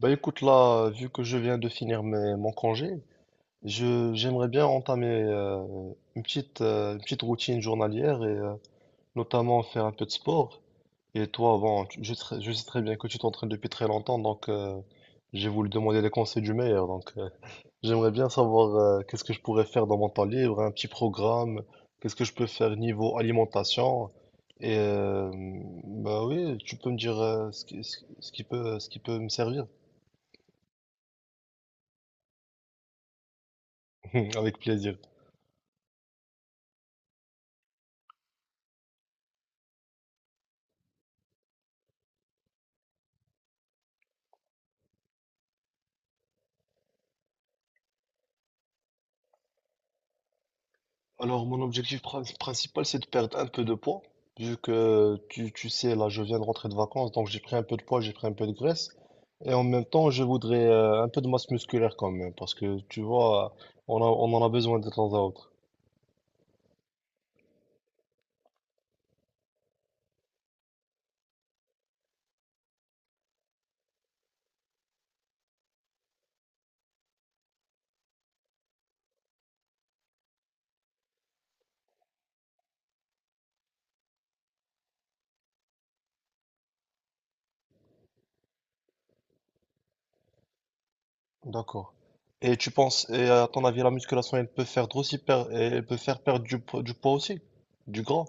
Bah écoute là, vu que je viens de finir mon congé, je j'aimerais bien entamer une petite routine journalière et notamment faire un peu de sport. Et toi, bon, je sais très bien que tu t'entraînes depuis très longtemps, donc j'ai voulu demander les conseils du meilleur. Donc j'aimerais bien savoir qu'est-ce que je pourrais faire dans mon temps libre, un petit programme, qu'est-ce que je peux faire niveau alimentation. Et bah oui, tu peux me dire ce qui, ce qui ce qui peut me servir. Avec plaisir. Alors, mon objectif principal, c'est de perdre un peu de poids. Vu que tu sais, là, je viens de rentrer de vacances, donc j'ai pris un peu de poids, j'ai pris un peu de graisse. Et en même temps, je voudrais un peu de masse musculaire quand même, parce que tu vois, on en a besoin de temps à autre. D'accord. Et tu penses, et à ton avis, la musculation, elle peut faire elle peut faire perdre du poids aussi? Du gras?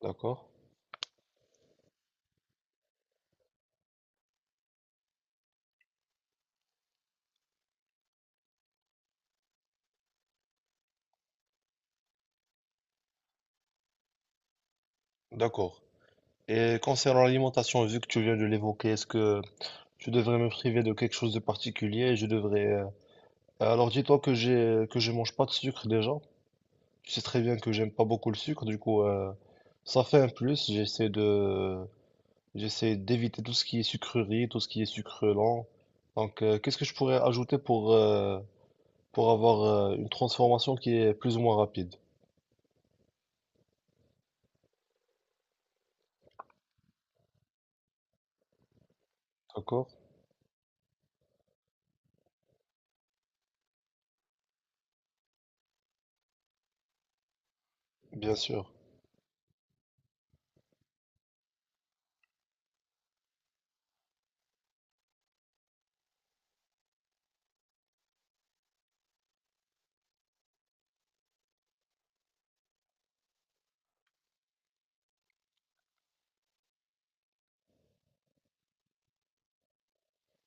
D'accord. D'accord. Et concernant l'alimentation, vu que tu viens de l'évoquer, est-ce que je devrais me priver de quelque chose de particulier? Je devrais. Alors dis-toi que j'ai que je mange pas de sucre déjà. Tu sais très bien que j'aime pas beaucoup le sucre, du coup ça fait un plus. J'essaie d'éviter tout ce qui est sucrerie, tout ce qui est sucre lent. Donc qu'est-ce que je pourrais ajouter pour avoir une transformation qui est plus ou moins rapide? D'accord. Bien sûr.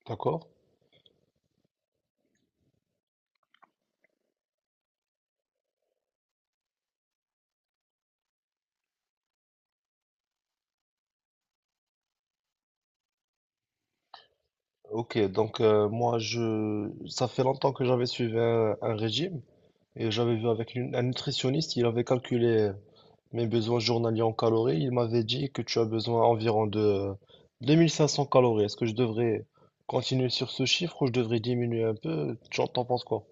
D'accord. Ok, donc moi je ça fait longtemps que j'avais suivi un régime et j'avais vu avec un nutritionniste, il avait calculé mes besoins journaliers en calories, il m'avait dit que tu as besoin environ de 2500 calories. Est-ce que je devrais continuer sur ce chiffre ou je devrais diminuer un peu? Tu en T'en penses quoi?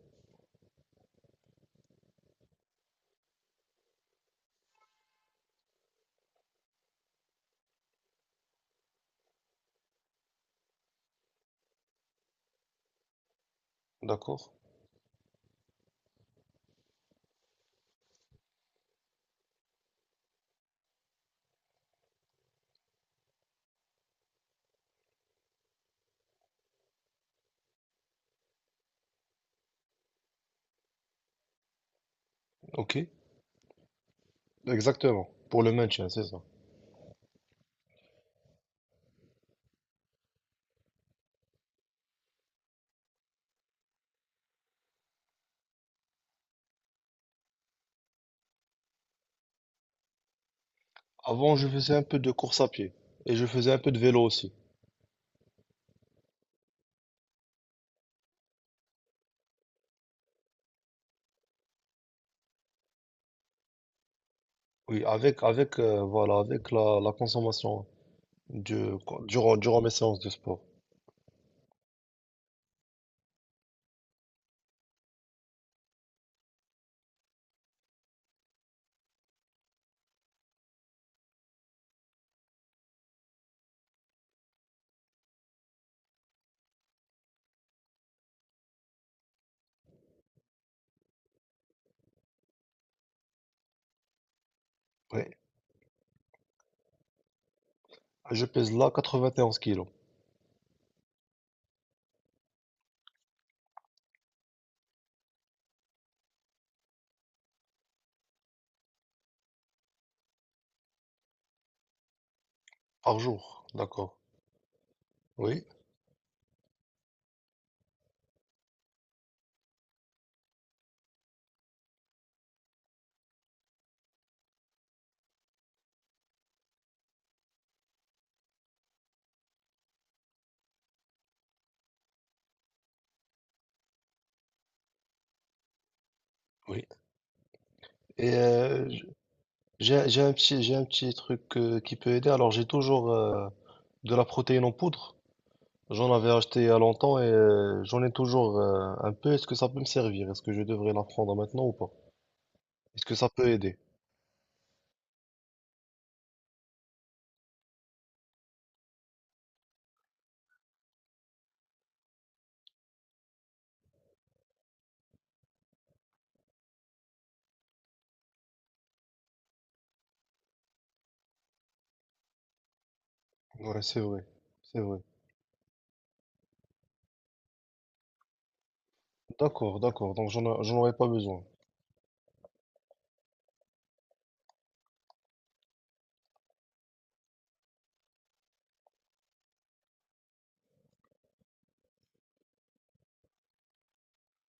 D'accord. Ok. Exactement. Pour le maintien, c'est ça. Avant, je faisais un peu de course à pied et je faisais un peu de vélo aussi. Oui, voilà, avec la consommation du- durant mes séances de sport. Oui. Je pèse là 91 kilos par jour. D'accord. Oui, oui. Et j'ai un petit truc qui peut aider. Alors, j'ai toujours de la protéine en poudre. J'en avais acheté il y a longtemps et j'en ai toujours un peu. Est-ce que ça peut me servir? Est-ce que je devrais la prendre maintenant ou pas? Est-ce que ça peut aider? Ouais, c'est vrai. C'est vrai. D'accord, d'accord. Donc, j'en aurais pas besoin.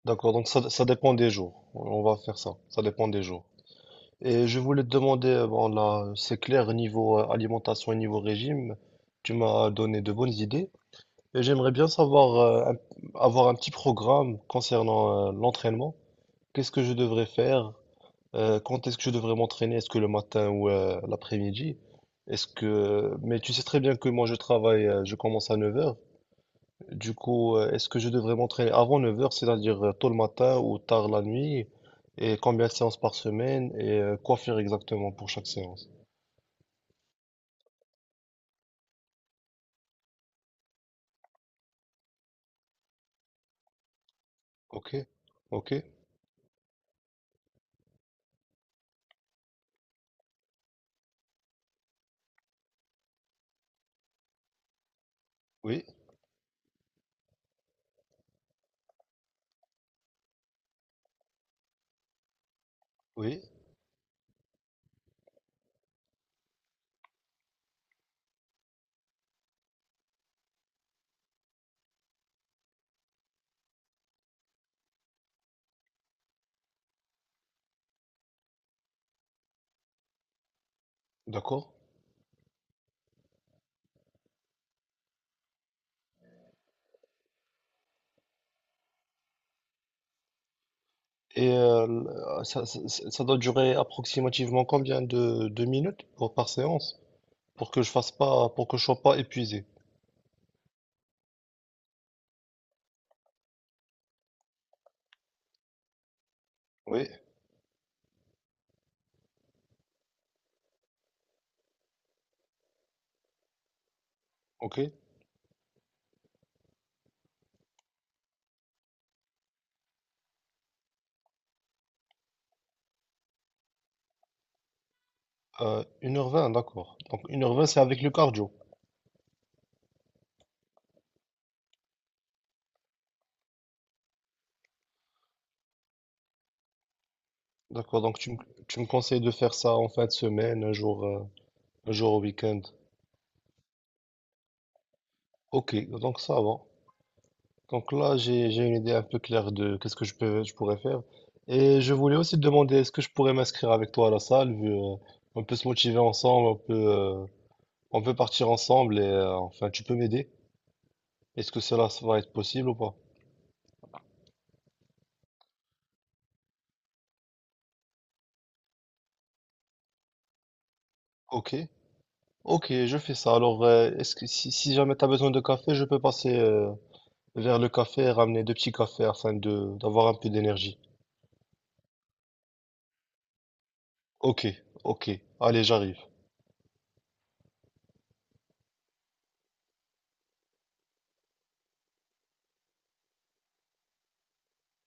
D'accord, donc ça dépend des jours. On va faire ça. Ça dépend des jours. Et je voulais te demander, bon là, c'est clair, niveau alimentation et niveau régime, tu m'as donné de bonnes idées. Et j'aimerais bien savoir, avoir un petit programme concernant l'entraînement. Qu'est-ce que je devrais faire? Quand est-ce que je devrais m'entraîner? Est-ce que le matin ou l'après-midi? Est-ce que... Mais tu sais très bien que moi je travaille, je commence à 9 heures. Du coup, est-ce que je devrais m'entraîner avant 9 heures, cest c'est-à-dire tôt le matin ou tard la nuit? Et combien de séances par semaine? Et quoi faire exactement pour chaque séance? Ok. Ok. Oui. Oui. D'accord. Et ça doit durer approximativement combien de minutes pour, par séance pour que je fasse pas pour que je sois pas épuisé. Oui, ok. 1h20, d'accord. Donc une heure vingt, c'est avec le cardio. D'accord, tu me conseilles de faire ça en fin de semaine, un jour au week-end. Ok, donc ça va. Donc là j'ai une idée un peu claire de qu'est-ce que je pourrais faire. Et je voulais aussi te demander est-ce que je pourrais m'inscrire avec toi à la salle vu on peut se motiver ensemble, on peut on peut partir ensemble et enfin tu peux m'aider. Est-ce que cela va être possible ou pas? Ok, ok, je fais ça. Alors est-ce que si jamais tu as besoin de café, je peux passer vers le café et ramener deux petits cafés afin de d'avoir un peu d'énergie. Ok, ok, allez, j'arrive.